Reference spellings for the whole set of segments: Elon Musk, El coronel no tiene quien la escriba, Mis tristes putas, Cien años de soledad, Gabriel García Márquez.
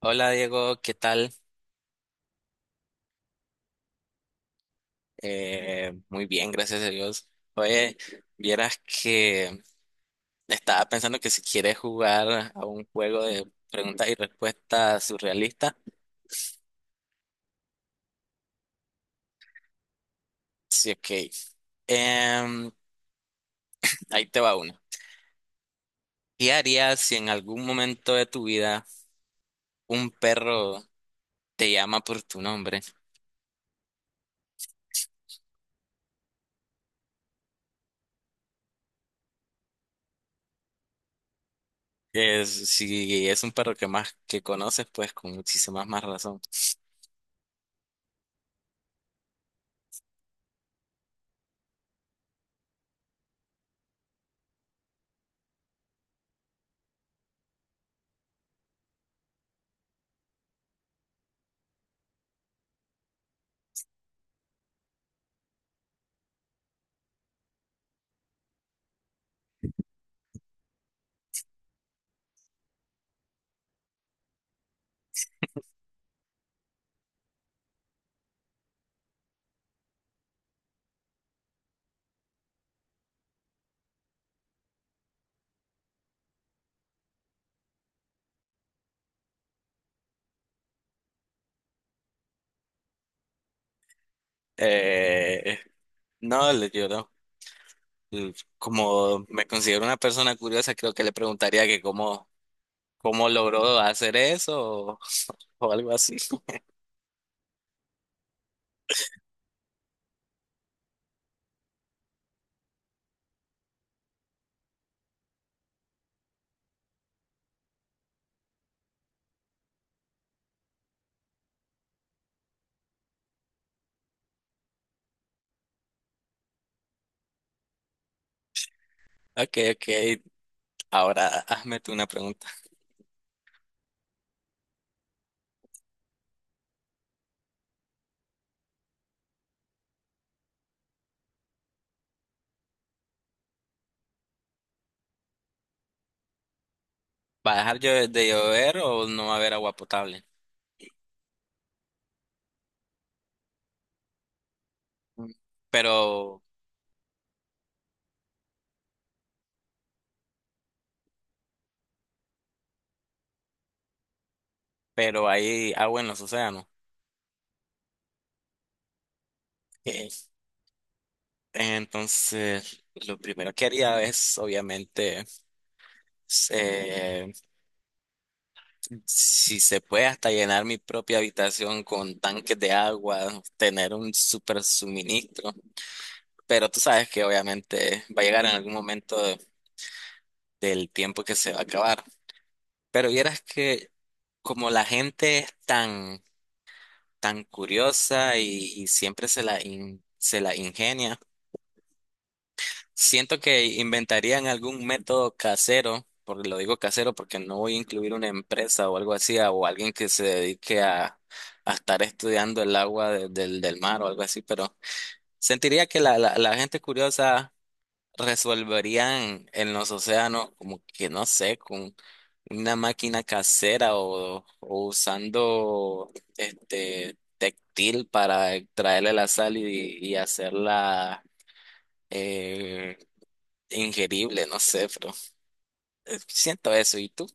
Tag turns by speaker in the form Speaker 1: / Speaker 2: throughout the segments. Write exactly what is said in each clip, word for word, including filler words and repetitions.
Speaker 1: Hola Diego, ¿qué tal? Eh, muy bien, gracias a Dios. Oye, vieras que estaba pensando que si quieres jugar a un juego de preguntas y respuestas surrealistas, sí, ok. Em, Ahí te va una. ¿Qué harías si en algún momento de tu vida un perro te llama por tu nombre? Es- si es un perro que más que conoces, pues con muchísima más razón. Eh, no, le lloró. eh, Como me considero una persona curiosa, creo que le preguntaría que cómo, cómo logró hacer eso o, o algo así. Ok, ok. Ahora hazme tú una pregunta. ¿Va a dejar llo- de llover o no va a haber agua potable? Mm. Pero, pero hay agua en los océanos. Ok. Entonces, lo primero que haría es, obviamente, eh, si se puede hasta llenar mi propia habitación con tanques de agua, tener un super suministro. Pero tú sabes que obviamente va a llegar en algún momento de- del tiempo que se va a acabar. Pero vieras que como la gente es tan, tan curiosa y, y siempre se la, in- se la ingenia, siento que inventarían algún método casero, porque lo digo casero porque no voy a incluir una empresa o algo así, a- o alguien que se dedique a, a estar estudiando el agua de- del, del mar o algo así, pero sentiría que la, la la gente curiosa resolverían en los océanos, como que no sé, con una máquina casera o, o usando este textil para extraerle la sal y, y hacerla eh, ingerible, no sé, pero eh, siento eso. ¿Y tú?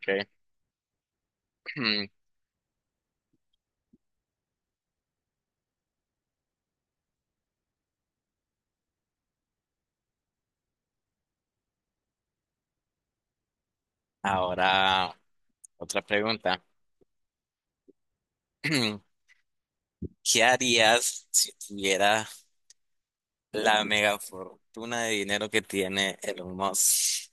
Speaker 1: ¿Qué? Ahora, otra pregunta. ¿Qué harías si tuvieras la mega fortuna de dinero que tiene Elon Musk?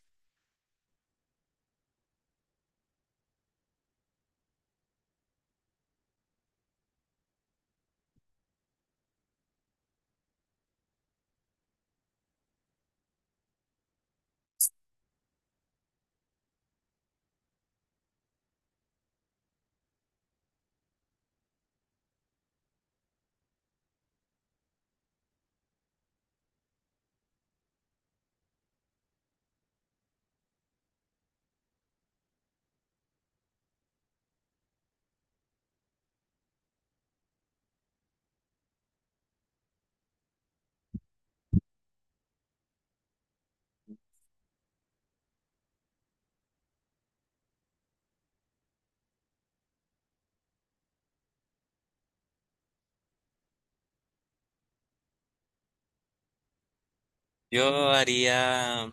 Speaker 1: Yo haría.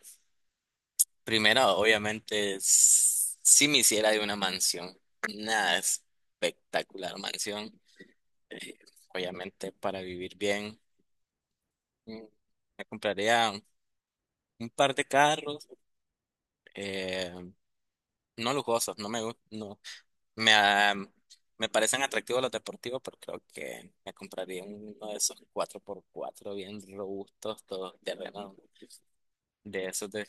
Speaker 1: Primero, obviamente, s- sí me hiciera de una mansión, una espectacular mansión, eh, obviamente para vivir bien. mm, Me compraría un par de carros, eh, no lujosos, no me gu- no, me, ah, me parecen atractivos los deportivos, pero creo que me compraría uno de esos cuatro por cuatro bien robustos, todos terrenos, de esos de,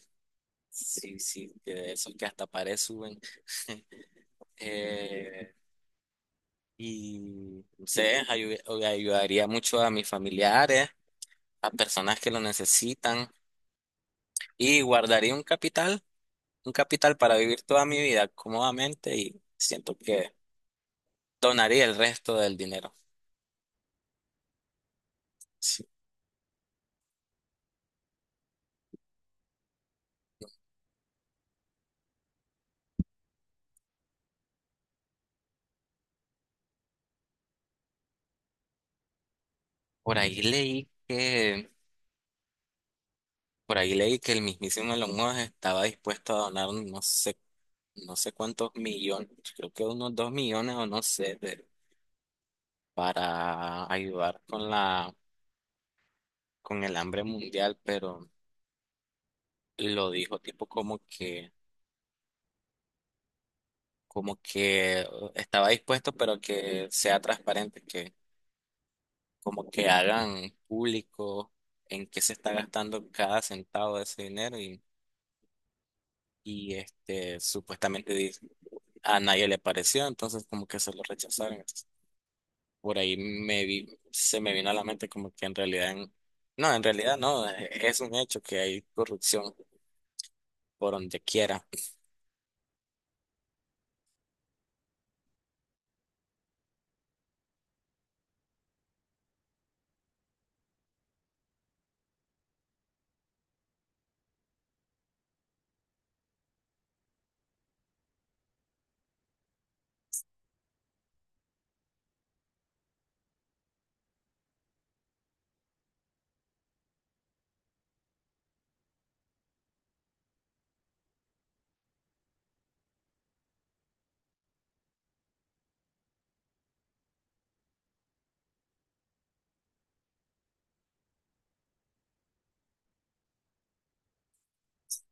Speaker 1: sí, sí, de esos que hasta pared suben. Eh, Y no sé, ayu- ayudaría mucho a mis familiares, a personas que lo necesitan y guardaría un capital, un capital para vivir toda mi vida cómodamente y siento que donaría el resto del dinero. Sí. Por ahí leí que, por ahí leí que el mismísimo Elon Musk estaba dispuesto a donar no sé, no sé cuántos millones, creo que unos dos millones o no sé, de- para ayudar con la, con el hambre mundial, pero lo dijo, tipo como que, como que uh, estaba dispuesto, pero que sea transparente, que como que hagan público en qué se está gastando cada centavo de ese dinero y, y este, supuestamente di- a nadie le pareció, entonces como que se lo rechazaron. Entonces, por ahí me vi, se me vino a la mente como que en realidad, en- no, en realidad no, e-, es un hecho que hay corrupción por donde quiera.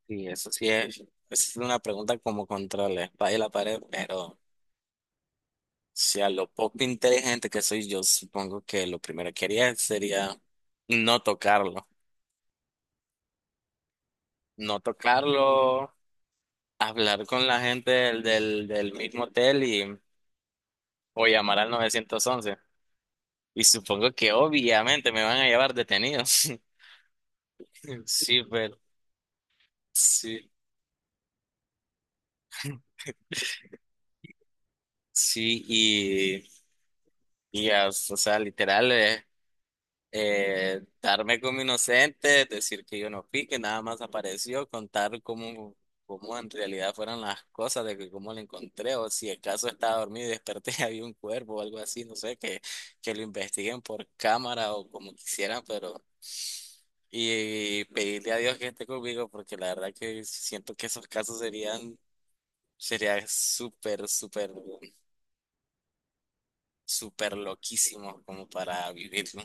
Speaker 1: Y eso sí es, es una pregunta como contra la espada y la pared, pero si a lo poco inteligente que soy yo, supongo que lo primero que haría sería no tocarlo. No tocarlo, hablar con la gente del, del, del mismo hotel y, o llamar al nueve once. Y supongo que obviamente me van a llevar detenidos. Sí, pero sí, sí, y, y ya, o sea, literal, eh, eh, darme como inocente, decir que yo no fui, que nada más apareció, contar cómo, cómo en realidad fueron las cosas, de que cómo lo encontré, o si el caso estaba dormido y desperté y había un cuerpo o algo así, no sé, que, que lo investiguen por cámara o como quisieran, pero. Y pedirle a Dios que esté conmigo, porque la verdad que siento que esos casos serían, sería súper, súper, súper loquísimos como para vivirlo.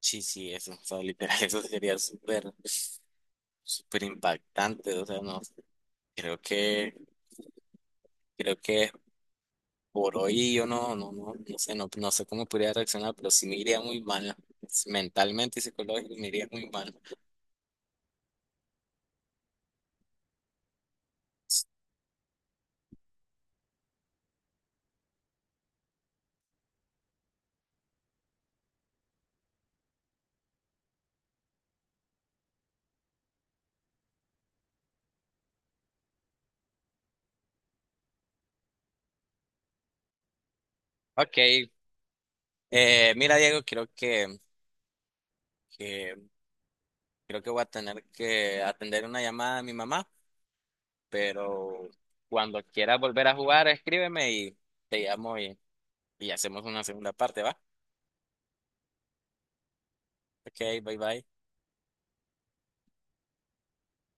Speaker 1: Sí, sí, eso, o sea, literal, eso sería súper, súper impactante, o sea, no, creo que, creo que por hoy yo no, no, no, no sé, no, no sé cómo podría reaccionar, pero sí me iría muy mal, mentalmente y psicológicamente me iría muy mal. Ok, eh, mira Diego, creo que, que, creo que voy a tener que atender una llamada a mi mamá, pero cuando quieras volver a jugar, escríbeme y te llamo y, y hacemos una segunda parte, ¿va? Ok, bye bye.